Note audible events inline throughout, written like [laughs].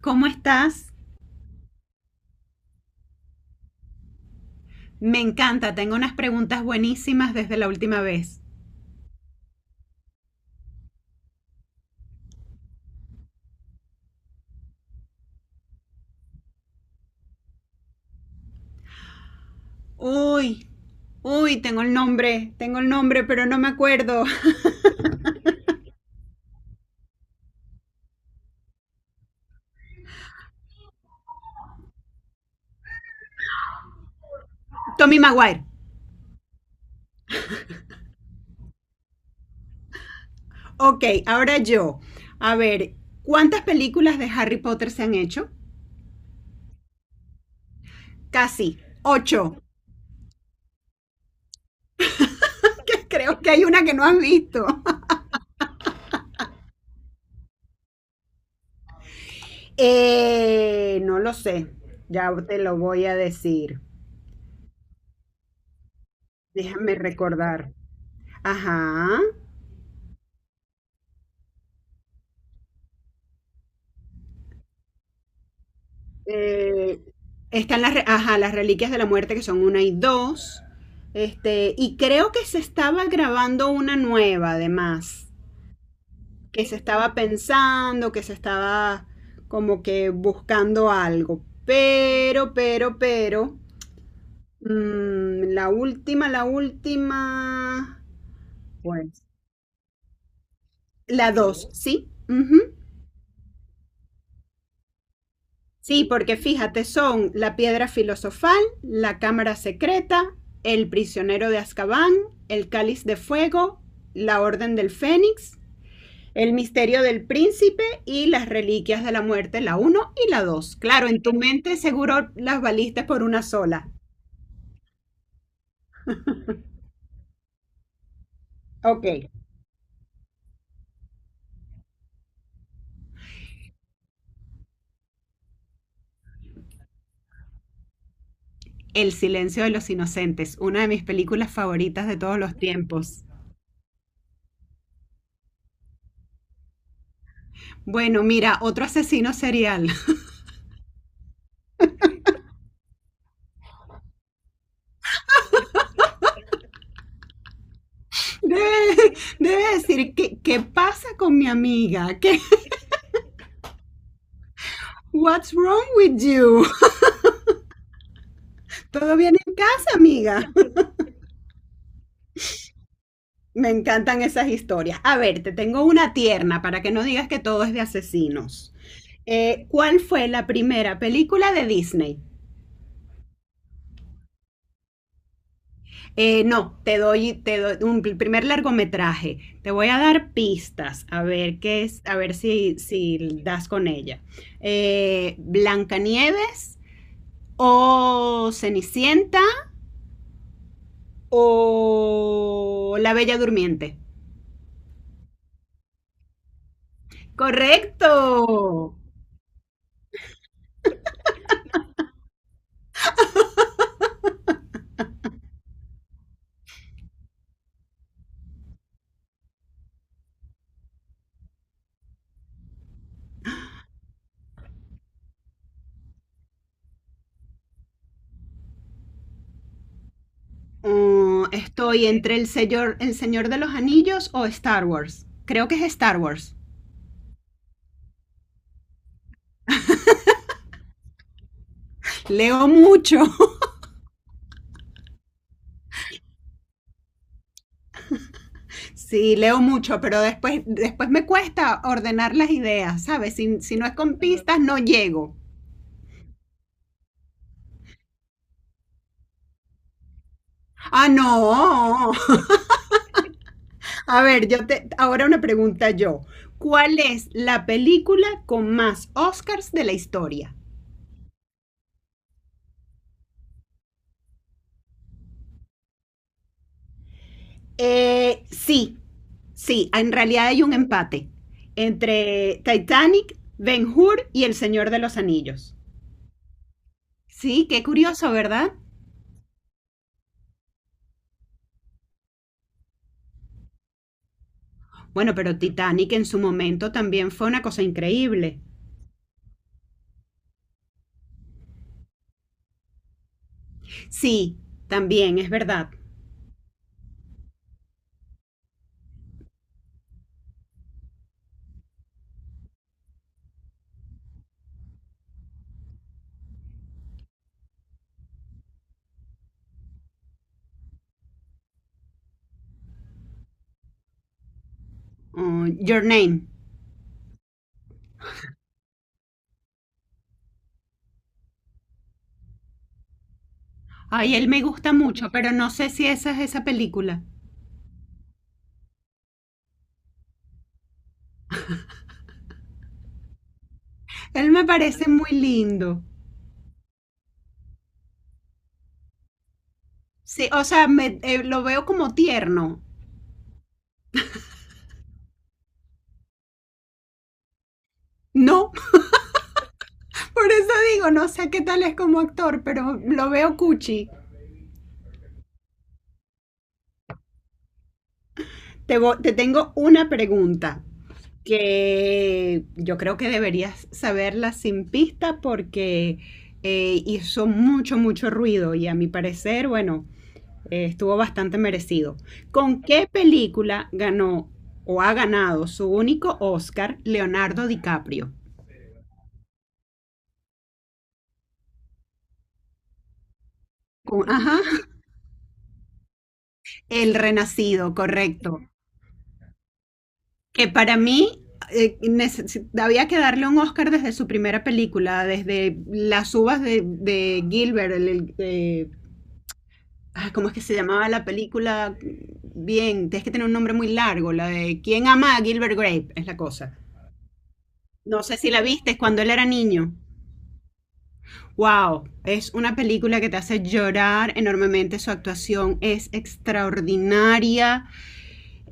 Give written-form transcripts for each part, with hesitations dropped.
¿Cómo estás? Me encanta, tengo unas preguntas buenísimas desde la última vez. Uy, uy, tengo el nombre, pero no me acuerdo. [laughs] Tommy Maguire. Ok, ahora yo. A ver, ¿cuántas películas de Harry Potter se han hecho? Casi, ocho. [laughs] Creo que hay una que no has visto. [laughs] No lo sé, ya te lo voy a decir. Déjame recordar. Ajá. Eh, Están ajá, las reliquias de la muerte, que son una y dos. Y creo que se estaba grabando una nueva, además, que se estaba pensando, que se estaba como que buscando algo. Pero la última, pues, la dos, ¿sí? Ujú. Sí, porque fíjate, son la piedra filosofal, la cámara secreta, el prisionero de Azkaban, el cáliz de fuego, la orden del fénix, el misterio del príncipe y las reliquias de la muerte, la uno y la dos. Claro, en tu mente seguro las valiste por una sola. Ok. El silencio de los inocentes, una de mis películas favoritas de todos los tiempos. Bueno, mira, otro asesino serial. [laughs] Debe decir, ¿qué pasa con mi amiga? What's wrong with you? [laughs] Todo bien en casa, amiga. [laughs] Me encantan esas historias. A ver, te tengo una tierna para que no digas que todo es de asesinos. ¿Cuál fue la primera película de Disney? No, te doy primer largometraje. Te voy a dar pistas a ver qué es, a ver si das con ella. Blancanieves o Cenicienta o La Bella Durmiente. Correcto. Estoy entre el señor de los Anillos o Star Wars. Creo que es Star Wars. Leo mucho. [laughs] Sí, leo mucho, pero después me cuesta ordenar las ideas, ¿sabes? Si no es con pistas, no llego. Ah, no. [laughs] A ver, ahora una pregunta yo. ¿Cuál es la película con más Oscars de la historia? Sí, sí, en realidad hay un empate entre Titanic, Ben Hur y El Señor de los Anillos. Sí, qué curioso, ¿verdad? Bueno, pero Titanic en su momento también fue una cosa increíble. Sí, también, es verdad. Oh, Your Name. Ay, él me gusta mucho, pero no sé si esa es esa película. Él me parece muy lindo. Sí, o sea, lo veo como tierno. No, por eso digo, no sé qué tal es como actor, pero lo veo cuchi. Te tengo una pregunta que yo creo que deberías saberla sin pista porque hizo mucho, mucho ruido y a mi parecer, bueno, estuvo bastante merecido. ¿Con qué película ganó o ha ganado su único Oscar Leonardo DiCaprio? Ajá, El Renacido, correcto. Que para mí había que darle un Oscar desde su primera película, desde Las uvas de, Gilbert, ¿cómo es que se llamaba la película? Bien, tienes que tener un nombre muy largo, la de ¿Quién ama a Gilbert Grape? Es la cosa. No sé si la viste, es cuando él era niño. Wow, es una película que te hace llorar enormemente, su actuación es extraordinaria.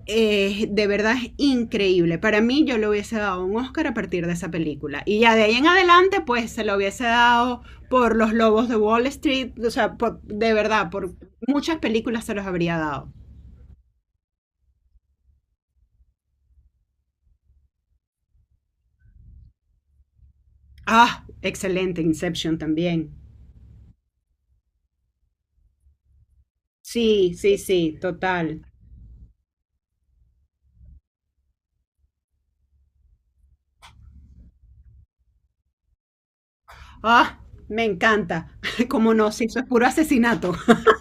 De verdad es increíble. Para mí yo le hubiese dado un Oscar a partir de esa película. Y ya de ahí en adelante, pues se lo hubiese dado por Los Lobos de Wall Street. O sea, por, de verdad, por muchas películas se los habría dado. Ah, excelente, Inception también. Sí, sí, sí, total. Ah, me encanta. [laughs] Como no, si eso es puro asesinato. [laughs]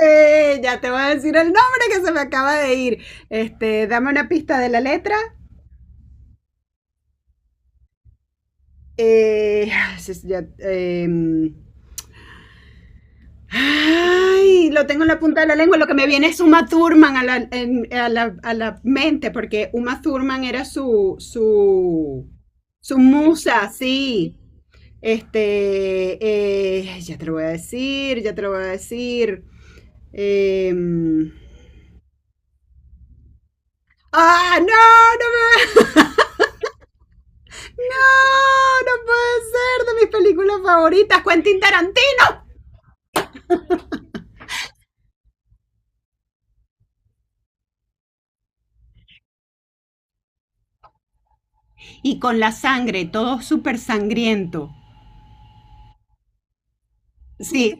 Ya te voy a decir el nombre que se me acaba de ir. Dame una pista de la letra. Eh, ya, ay, lo tengo en la punta de la lengua. Lo que me viene es Uma Thurman a la, en- a la mente, porque Uma Thurman era su musa, sí. Este, ya te lo voy a decir, ya te lo voy a decir. Em, ¡Ah, no! ¡No, me no, no puede ser! De mis películas favoritas, Quentin Tarantino. Y con la sangre, todo súper sangriento. Sí,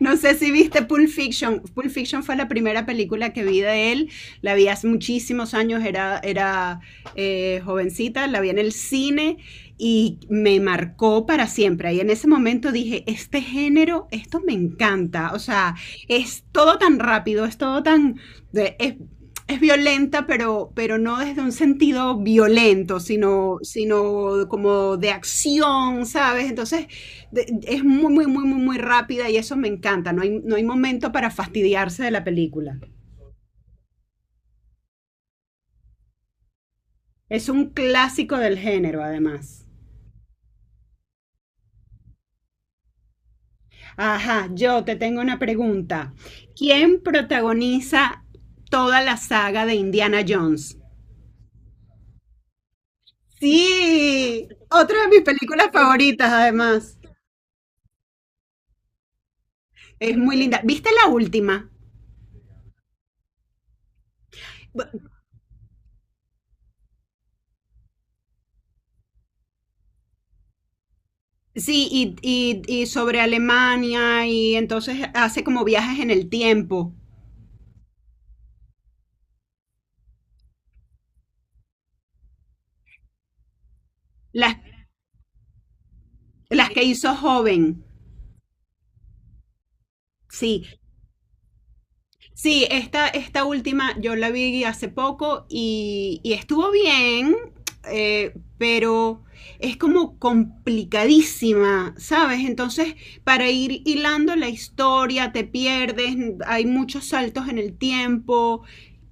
no sé si viste Pulp Fiction. Pulp Fiction fue la primera película que vi de él. La vi hace muchísimos años, era jovencita, la vi en el cine y me marcó para siempre. Y en ese momento dije, este género, esto me encanta. O sea, es todo tan rápido, es todo tan. de- Es, es violenta, pero, no desde un sentido violento, sino como de acción, ¿sabes? Entonces, es muy, muy, muy, muy, muy rápida y eso me encanta. No hay momento para fastidiarse de la película. Es un clásico del género, además. Ajá, yo te tengo una pregunta. ¿Quién protagoniza toda la saga de Indiana Jones? Sí, otra de mis películas favoritas, además. Es muy linda. ¿Viste la última? Bu- Sí, y sobre Alemania, y entonces hace como viajes en el tiempo. Las, las que hizo joven. Sí, sí, esta última yo la vi hace poco y estuvo bien, pero es como complicadísima, ¿sabes? Entonces, para ir hilando la historia, te pierdes, hay muchos saltos en el tiempo,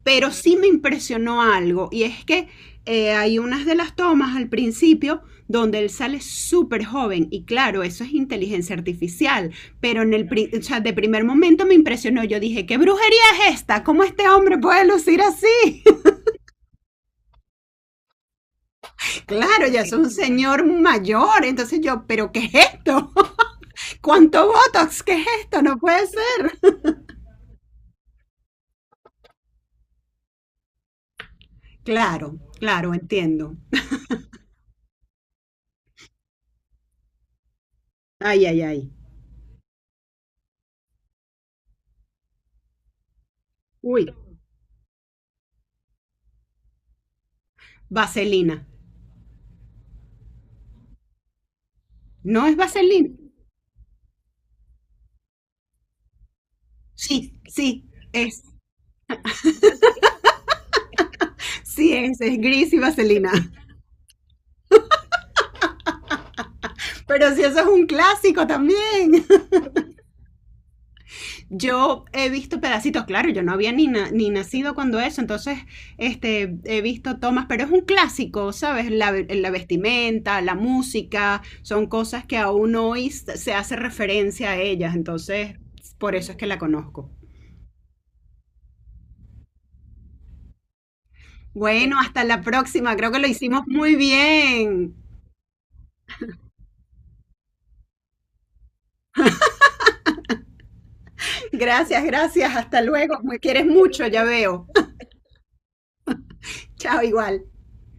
pero sí me impresionó algo y es que hay unas de las tomas al principio donde él sale súper joven y claro, eso es inteligencia artificial, pero o sea, de primer momento me impresionó, yo dije, ¿qué brujería es esta? ¿Cómo este hombre puede lucir así? [laughs] Claro, ya es un señor mayor, entonces yo, ¿pero qué es esto? [laughs] ¿Cuánto Botox? ¿Qué es esto? No puede ser. [laughs] Claro, claro, entiendo. Ay, ay, ay. Uy, vaselina. ¿No es vaselina? Sí, sí, es sí, ese es gris y vaselina. Pero si eso es un clásico también. Yo he visto pedacitos, claro, yo no había ni nacido cuando eso, entonces he visto tomas, pero es un clásico, ¿sabes? La vestimenta, la música, son cosas que aún hoy se hace referencia a ellas, entonces por eso es que la conozco. Bueno, hasta la próxima, creo que lo hicimos muy bien. Gracias, gracias, hasta luego. Me quieres mucho, ya veo. [laughs] Chao, igual.